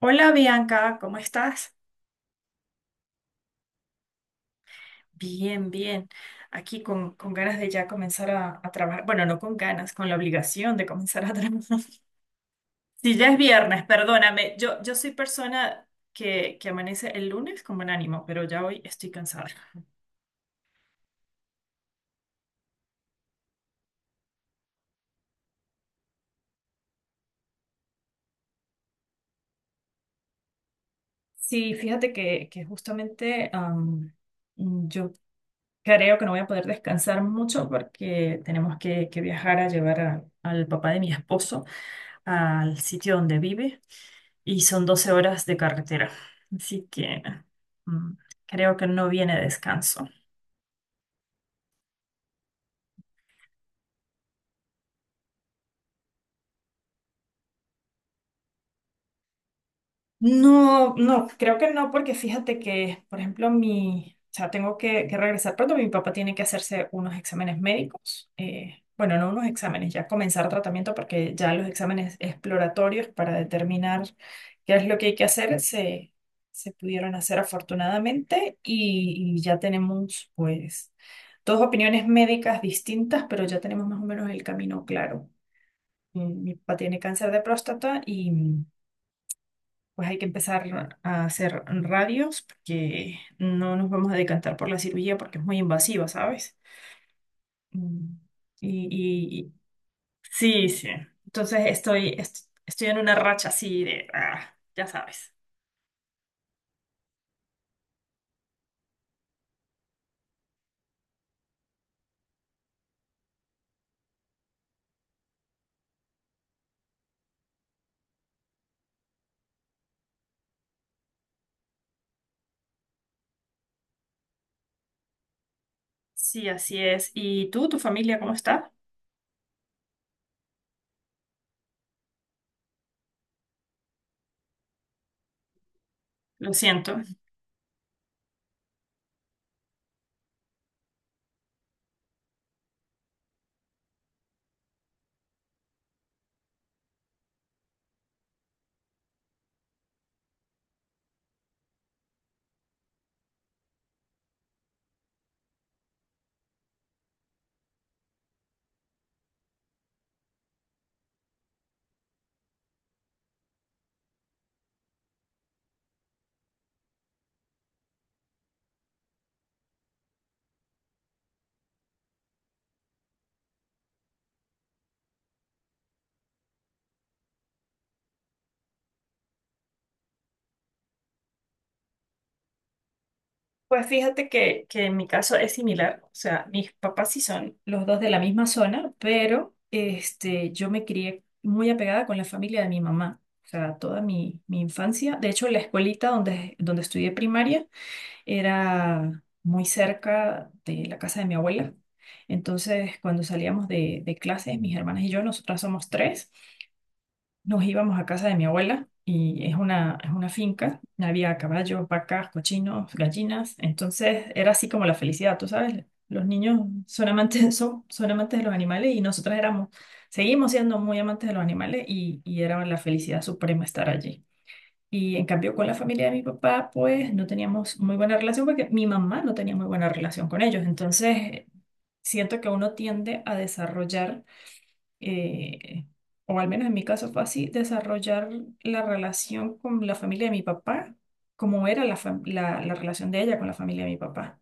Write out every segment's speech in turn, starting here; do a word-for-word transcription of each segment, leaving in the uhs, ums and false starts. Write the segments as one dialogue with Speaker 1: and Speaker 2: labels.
Speaker 1: Hola Bianca, ¿cómo estás? Bien, bien. Aquí con, con ganas de ya comenzar a, a trabajar. Bueno, no con ganas, con la obligación de comenzar a trabajar. Si ya es viernes, perdóname. Yo, yo soy persona que, que amanece el lunes con buen ánimo, pero ya hoy estoy cansada. Sí, fíjate que, que justamente am, yo creo que no voy a poder descansar mucho porque tenemos que, que viajar a llevar a- al papá de mi esposo, al sitio donde vive, y son doce horas de carretera. Así que mm, creo que no viene descanso. No, no, creo que no, porque fíjate que, por ejemplo, mi, o sea, tengo que, que regresar pronto, mi papá tiene que hacerse unos exámenes médicos, eh, bueno, no unos exámenes, ya comenzar tratamiento, porque ya los exámenes exploratorios para determinar qué es lo que hay que hacer se, se pudieron hacer afortunadamente y, y ya tenemos, pues, dos opiniones médicas distintas, pero ya tenemos más o menos el camino claro. Mi mi papá tiene cáncer de próstata, y pues hay que empezar a hacer radios porque no nos vamos a decantar por la cirugía porque es muy invasiva, ¿sabes? Mm, Y, y- y- sí, sí. Entonces estoy, est- estoy en una racha así de, ah, ya sabes. Sí, así es. ¿Y tú, tu familia, cómo está? Lo siento. Pues fíjate que, que en mi caso es similar, o sea, mis papás sí son los dos de la misma zona, pero este, yo me crié muy apegada con la familia de mi mamá, o sea, toda mi, mi infancia. De hecho, la escuelita donde, donde estudié primaria era muy cerca de la casa de mi abuela. Entonces, cuando salíamos de, de clases, mis hermanas y yo, nosotras somos tres, nos íbamos a casa de mi abuela y es una, es una finca, había caballos, vacas, cochinos, gallinas, entonces era así como la felicidad, tú sabes, los niños son amantes son son amantes de los animales, y nosotras éramos, seguimos siendo muy amantes de los animales, y, y era la felicidad suprema estar allí. Y en cambio con la familia de mi papá, pues no teníamos muy buena relación porque mi mamá no tenía muy buena relación con ellos, entonces siento que uno tiende a desarrollar eh, o al menos en mi caso fue así, desarrollar la relación con la familia de mi papá, como era la, fam- la, la relación de ella con la familia de mi papá.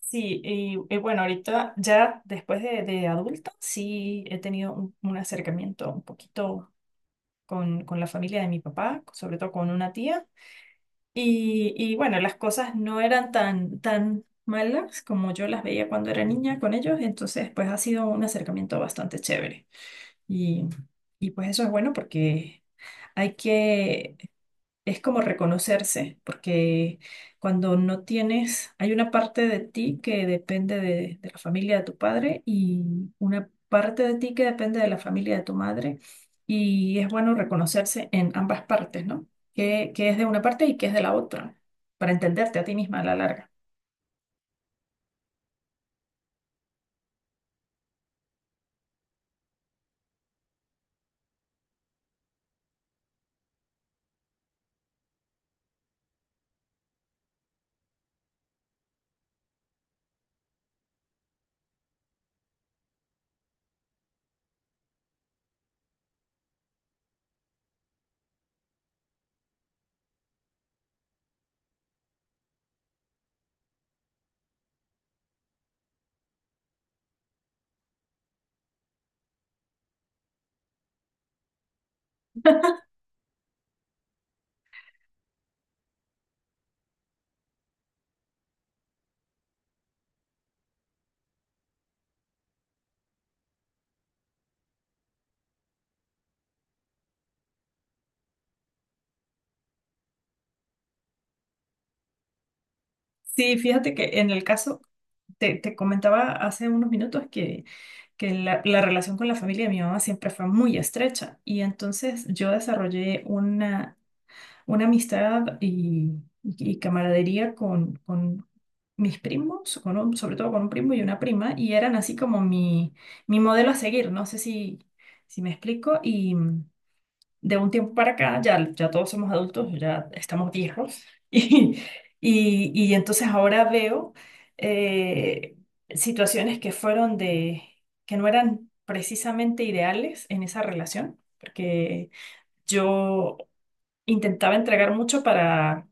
Speaker 1: Sí, y, y bueno, ahorita ya después de, de adulta, sí he tenido un, un acercamiento un poquito con, con la familia de mi papá, sobre todo con una tía. Y, y bueno, las cosas no eran tan, tan malas como yo las veía cuando era niña con ellos, entonces pues ha sido un acercamiento bastante chévere. Y, y pues eso es bueno porque hay que, es como reconocerse, porque cuando no tienes, hay una parte de ti que depende de, de la familia de tu padre y una parte de ti que depende de la familia de tu madre. Y es bueno reconocerse en ambas partes, ¿no? Que, que es de una parte y que es de la otra, para entenderte a ti misma a la larga. Sí, fíjate que en el caso, te, te comentaba hace unos minutos que que la, la relación con la familia de mi mamá siempre fue muy estrecha y entonces yo desarrollé una, una amistad y, y camaradería con, con mis primos, con un- sobre todo con un primo y una prima, y eran así como mi, mi modelo a seguir, no sé si, si me explico, y de un tiempo para acá, ya, ya todos somos adultos, ya estamos viejos, y, y, y entonces ahora veo eh, situaciones que fueron de, que no eran precisamente ideales en esa relación, porque yo intentaba entregar mucho para,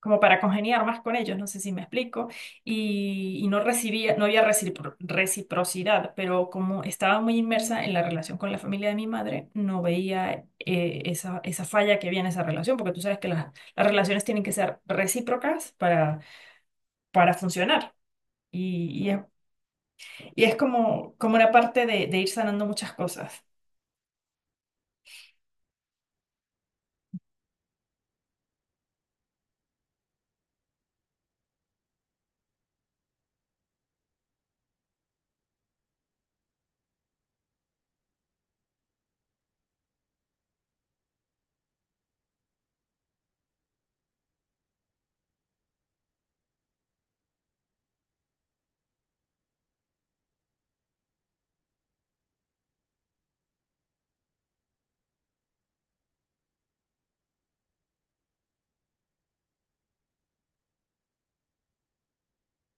Speaker 1: como para congeniar más con ellos, no sé si me explico, y, y no recibía, no había recipro- reciprocidad, pero como estaba muy inmersa en la relación con la familia de mi madre, no veía eh, esa, esa falla que había en esa relación, porque tú sabes que las, las relaciones tienen que ser recíprocas para, para funcionar, y, y es, y es como, como una parte de, de ir sanando muchas cosas.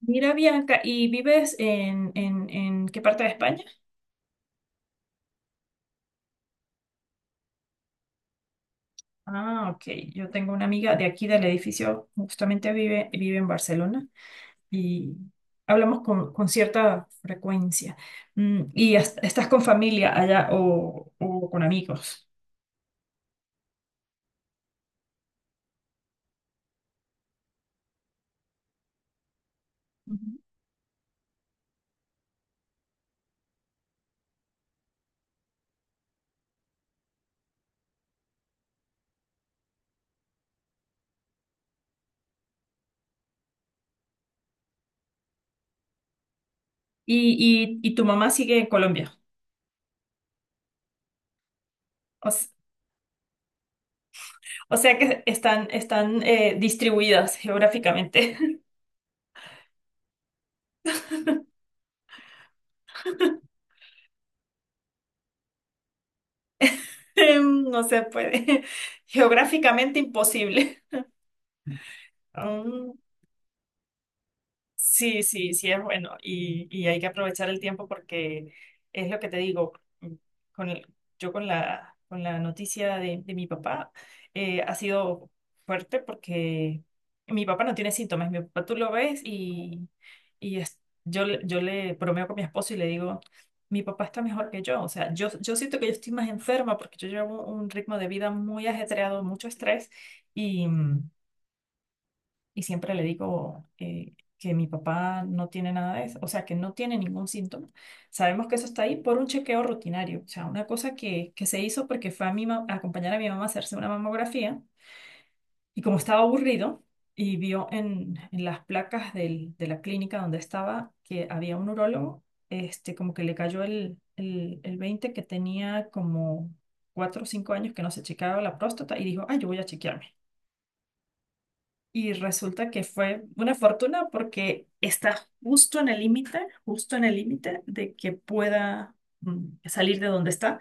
Speaker 1: Mira, Bianca, ¿y vives en, en, en qué parte de España? Ah, ok. Yo tengo una amiga de aquí del edificio, justamente vive, vive en Barcelona y hablamos con, con cierta frecuencia. Mm, ¿Y has- estás con familia allá o, o con amigos? Ujú. Y, y, y tu mamá sigue en Colombia. O, s- o sea que están, están eh, distribuidas geográficamente. Em, No se puede. Geográficamente imposible. Sí, sí, sí es bueno y, y hay que aprovechar el tiempo porque es lo que te digo, mm, con el- yo con la, con la noticia de, de mi papá eh, ha sido fuerte porque mi papá no tiene síntomas, mi papá tú lo ves y, y es- yo, le- yo le bromeo con mi esposo y le digo, mi papá está mejor que yo, o sea, yo, yo siento que yo estoy más enferma porque yo llevo un ritmo de vida muy ajetreado, mucho estrés, y siempre le digo eh, que mi papá no tiene nada de eso, o sea, que no tiene ningún síntoma. Sabemos que eso está ahí por un chequeo rutinario, o sea, una cosa que, que se hizo porque fue a, mi ma- a acompañar a mi mamá a hacerse una mamografía, y como estaba aburrido y vio en, en las placas del- de la clínica donde estaba que había un urólogo, este, como que le cayó el, el, el veinte que tenía como cuatro o cinco años que no se chequeaba la próstata y dijo, ay, yo voy a chequearme. Y resulta que fue una fortuna porque está justo en el límite, justo en el límite de que pueda mm, salir de donde está.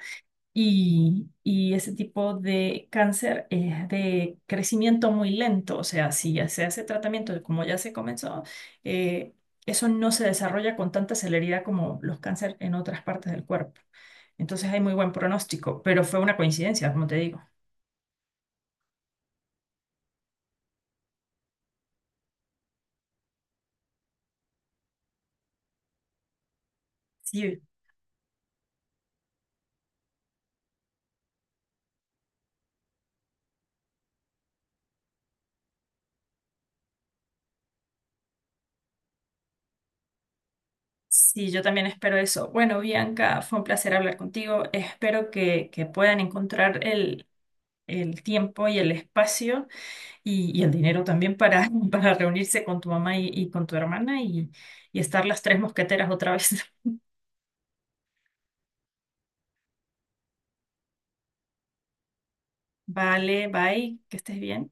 Speaker 1: Y, y ese tipo de cáncer es de crecimiento muy lento. O sea, si ya se hace tratamiento, de como ya se comenzó, eh, eso no se desarrolla con tanta celeridad como los cánceres en otras partes del cuerpo. Entonces hay muy buen pronóstico, pero fue una coincidencia, como te digo. Sí, sí, yo también espero eso. Bueno, Bianca, fue un placer hablar contigo. Espero que, que puedan encontrar el, el tiempo y el espacio y, y el dinero también para, para reunirse con tu mamá y, y con tu hermana y, y estar las tres mosqueteras otra vez. Vale, bye, que estés bien.